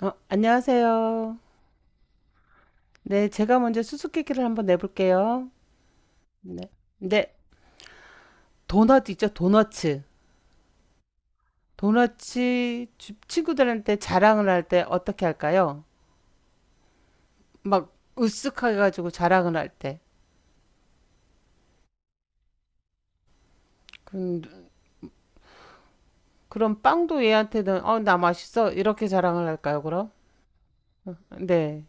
어, 안녕하세요. 네, 제가 먼저 수수께끼를 한번 내볼게요. 네. 네, 도넛 있죠? 도너츠. 친구들한테 자랑을 할 때 어떻게 할까요? 막 으쓱하게 가지고 자랑을 할 때. 그, 그럼 빵도 얘한테는 어, 나 맛있어. 이렇게 자랑을 할까요, 그럼? 어, 네.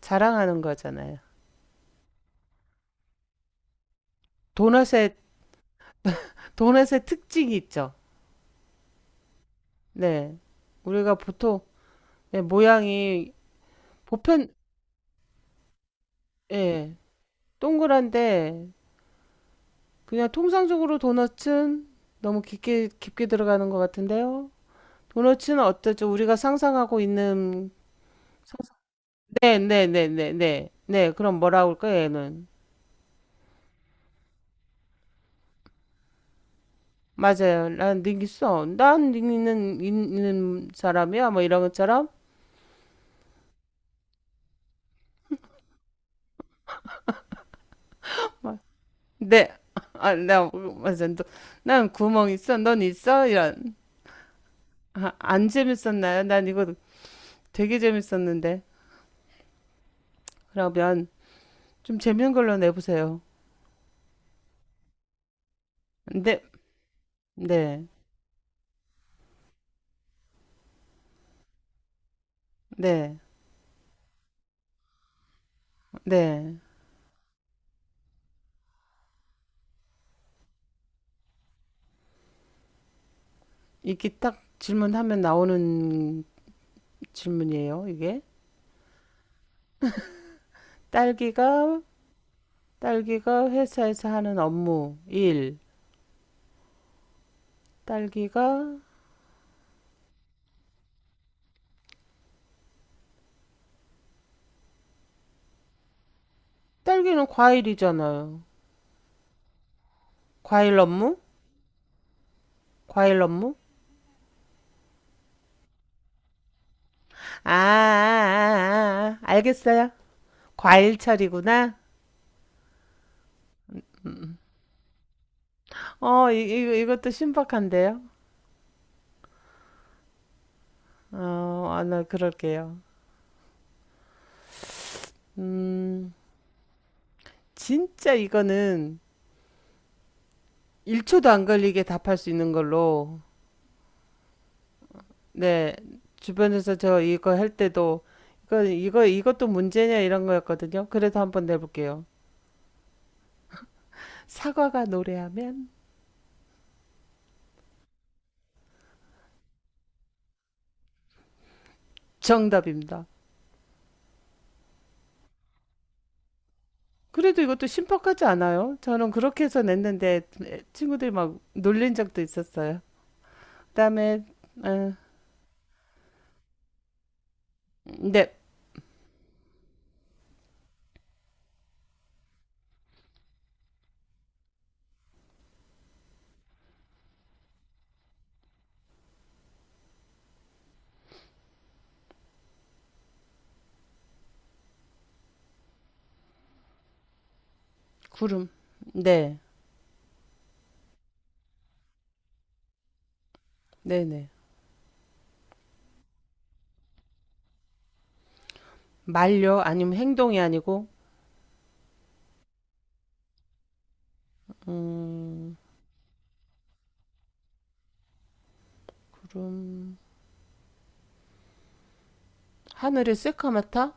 자랑하는 거잖아요. 도넛의 도넛의 특징이 있죠. 네. 우리가 보통 네, 모양이 보편 예. 동그란데 그냥 통상적으로 도넛은 너무 깊게 들어가는 것 같은데요. 도넛은 어떠죠? 우리가 상상하고 있는 네, 네, 네, 네, 네, 네. 그럼 뭐라고 할까 얘는? 맞아요. 난 능 있어. 난 닉 있는 사람이야. 뭐 이런 것처럼. 뭐, 네. 아, 나 맞아. 난 구멍 있어. 넌 있어. 이런. 아, 안 재밌었나요? 난 이거 되게 재밌었는데. 그러면 좀 재밌는 걸로 내보세요. 네, 네, 네. 네. 이게 딱 질문하면 나오는 질문이에요, 이게. 딸기가, 딸기가 회사에서 하는 업무, 일. 딸기가, 딸기는 과일이잖아요. 과일 업무? 과일 업무? 아, 알겠어요. 과일 처리구나. 어, 이것도 신박한데요. 어, 아, 나 그럴게요. 음, 진짜 이거는 1초도 안 걸리게 답할 수 있는 걸로. 네, 주변에서 저 이거 할 때도 이거 이것도 문제냐 이런 거였거든요. 그래도 한번 내볼게요. 사과가 노래하면 정답입니다. 그래도 이것도 심박하지 않아요. 저는 그렇게 해서 냈는데 친구들이 막 놀린 적도 있었어요. 그다음에 어, 네, 구름. 네, 네, 네. 말려 아니면 행동이 아니고 음, 구름 하늘이 새카맣다?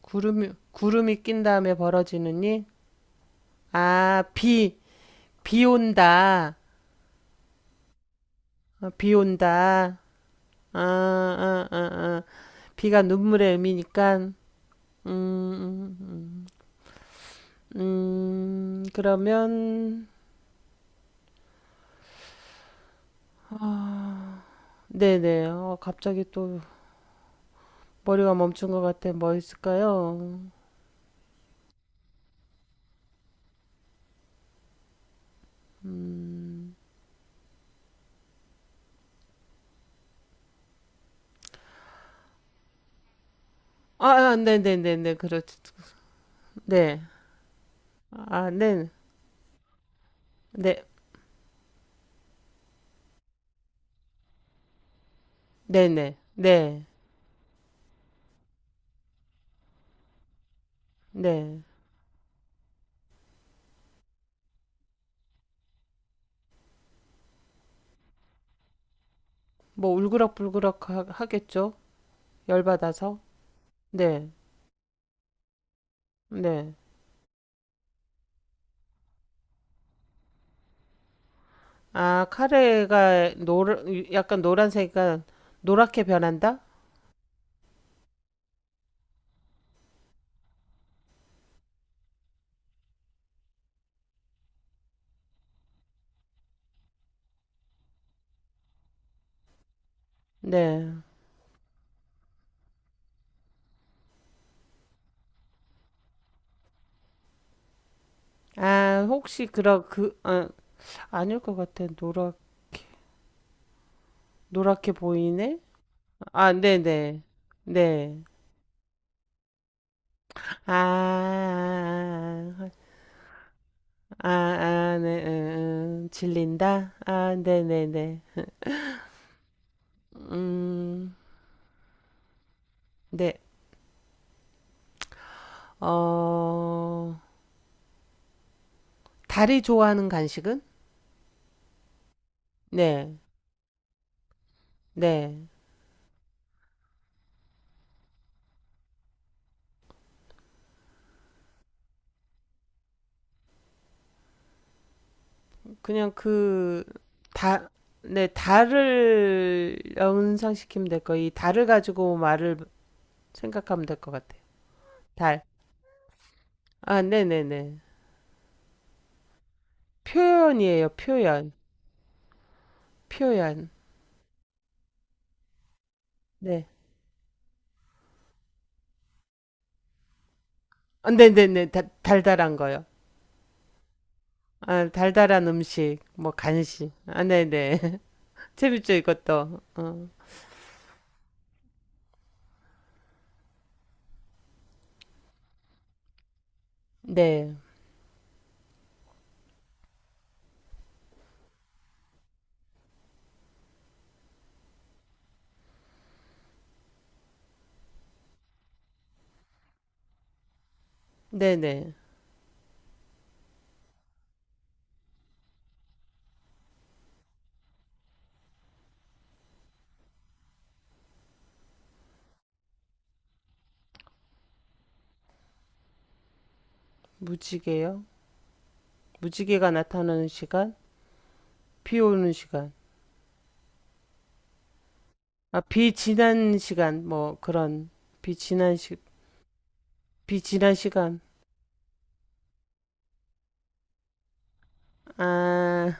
구름이 낀 다음에 벌어지느니 아, 비. 비 온다. 어, 비 온다. 아. 비가 눈물의 의미니까, 음, 음. 그러면, 아, 네네. 어, 갑자기 또 머리가 멈춘 것 같아. 뭐 있을까요? 음, 아, 네네네네. 그렇죠. 네. 아, 네. 네. 네네. 네. 네. 뭐 울그락불그락 하겠죠? 열받아서. 네. 네. 아, 약간 노란색이니까 노랗게 변한다? 네. 아, 혹시 그런 그 아, 아닐 것 같아. 노랗게 보이네? 아, 네네. 네. 네. 아, 아, 아, 아, 네, 질린다? 아, 네네네. 음, 네. 어, 달이 좋아하는 간식은? 네, 네. 그냥 그 다, 네, 달을 연상시키면 될 거. 이 달을 가지고 말을 생각하면 될 것 같아요. 달. 아, 네네네. 표현이에요. 표현. 표현. 네. 아, 네네네. 달달한 거요. 아, 달달한 음식, 뭐 간식. 아, 네네. 재밌죠, 이것도. 어. 네. 네네. 무지개요? 무지개가 나타나는 시간? 비 오는 시간. 아, 비지난 시간, 뭐, 그런, 비지난 시, 비지난 시간. 아,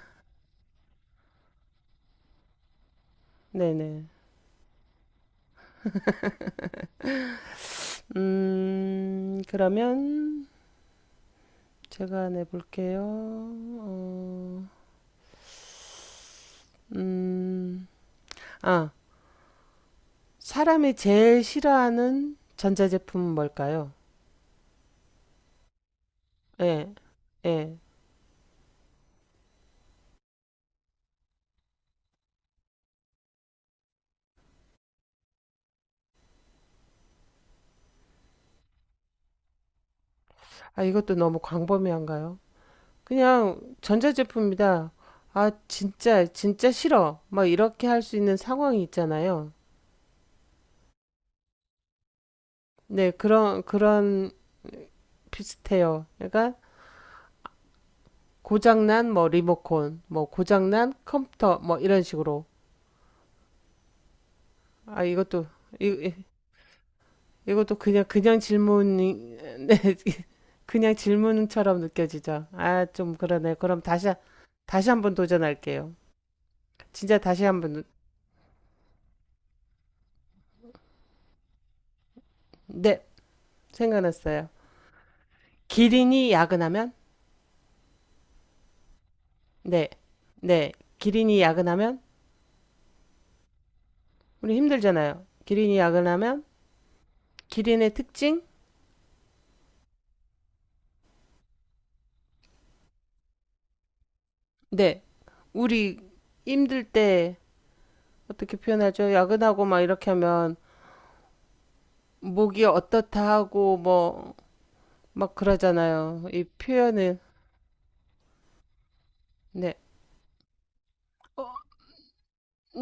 네네. 그러면 제가 내볼게요. 어, 음, 아, 사람이 제일 싫어하는 전자제품은 뭘까요? 예, 예. 아, 이것도 너무 광범위한가요? 그냥 전자제품이다. 아, 진짜 싫어. 막 이렇게 할 수 있는 상황이 있잖아요. 네, 그런 비슷해요. 그러니까 고장난 뭐 리모컨, 뭐 고장난 컴퓨터, 뭐 이런 식으로. 아, 이, 이- 그냥 질문이, 네, 그냥 질문처럼 느껴지죠. 아, 좀 그러네. 다시 한번 도전할게요. 진짜 다시 한번, 네, 생각났어요. 기린이 야근하면? 네, 네. 기린이 야근하면? 우리 힘들잖아요. 기린이 야근하면? 기린의 특징? 네. 우리 힘들 때 어떻게 표현하죠? 야근하고 막 이렇게 하면 목이 어떻다 하고 뭐 막 그러잖아요. 이 표현을 네. 어,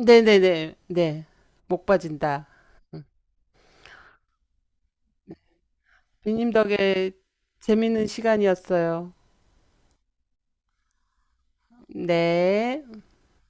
네네네. 네. 목 빠진다. 음. 비님 덕에 재밌는 시간이었어요. 네.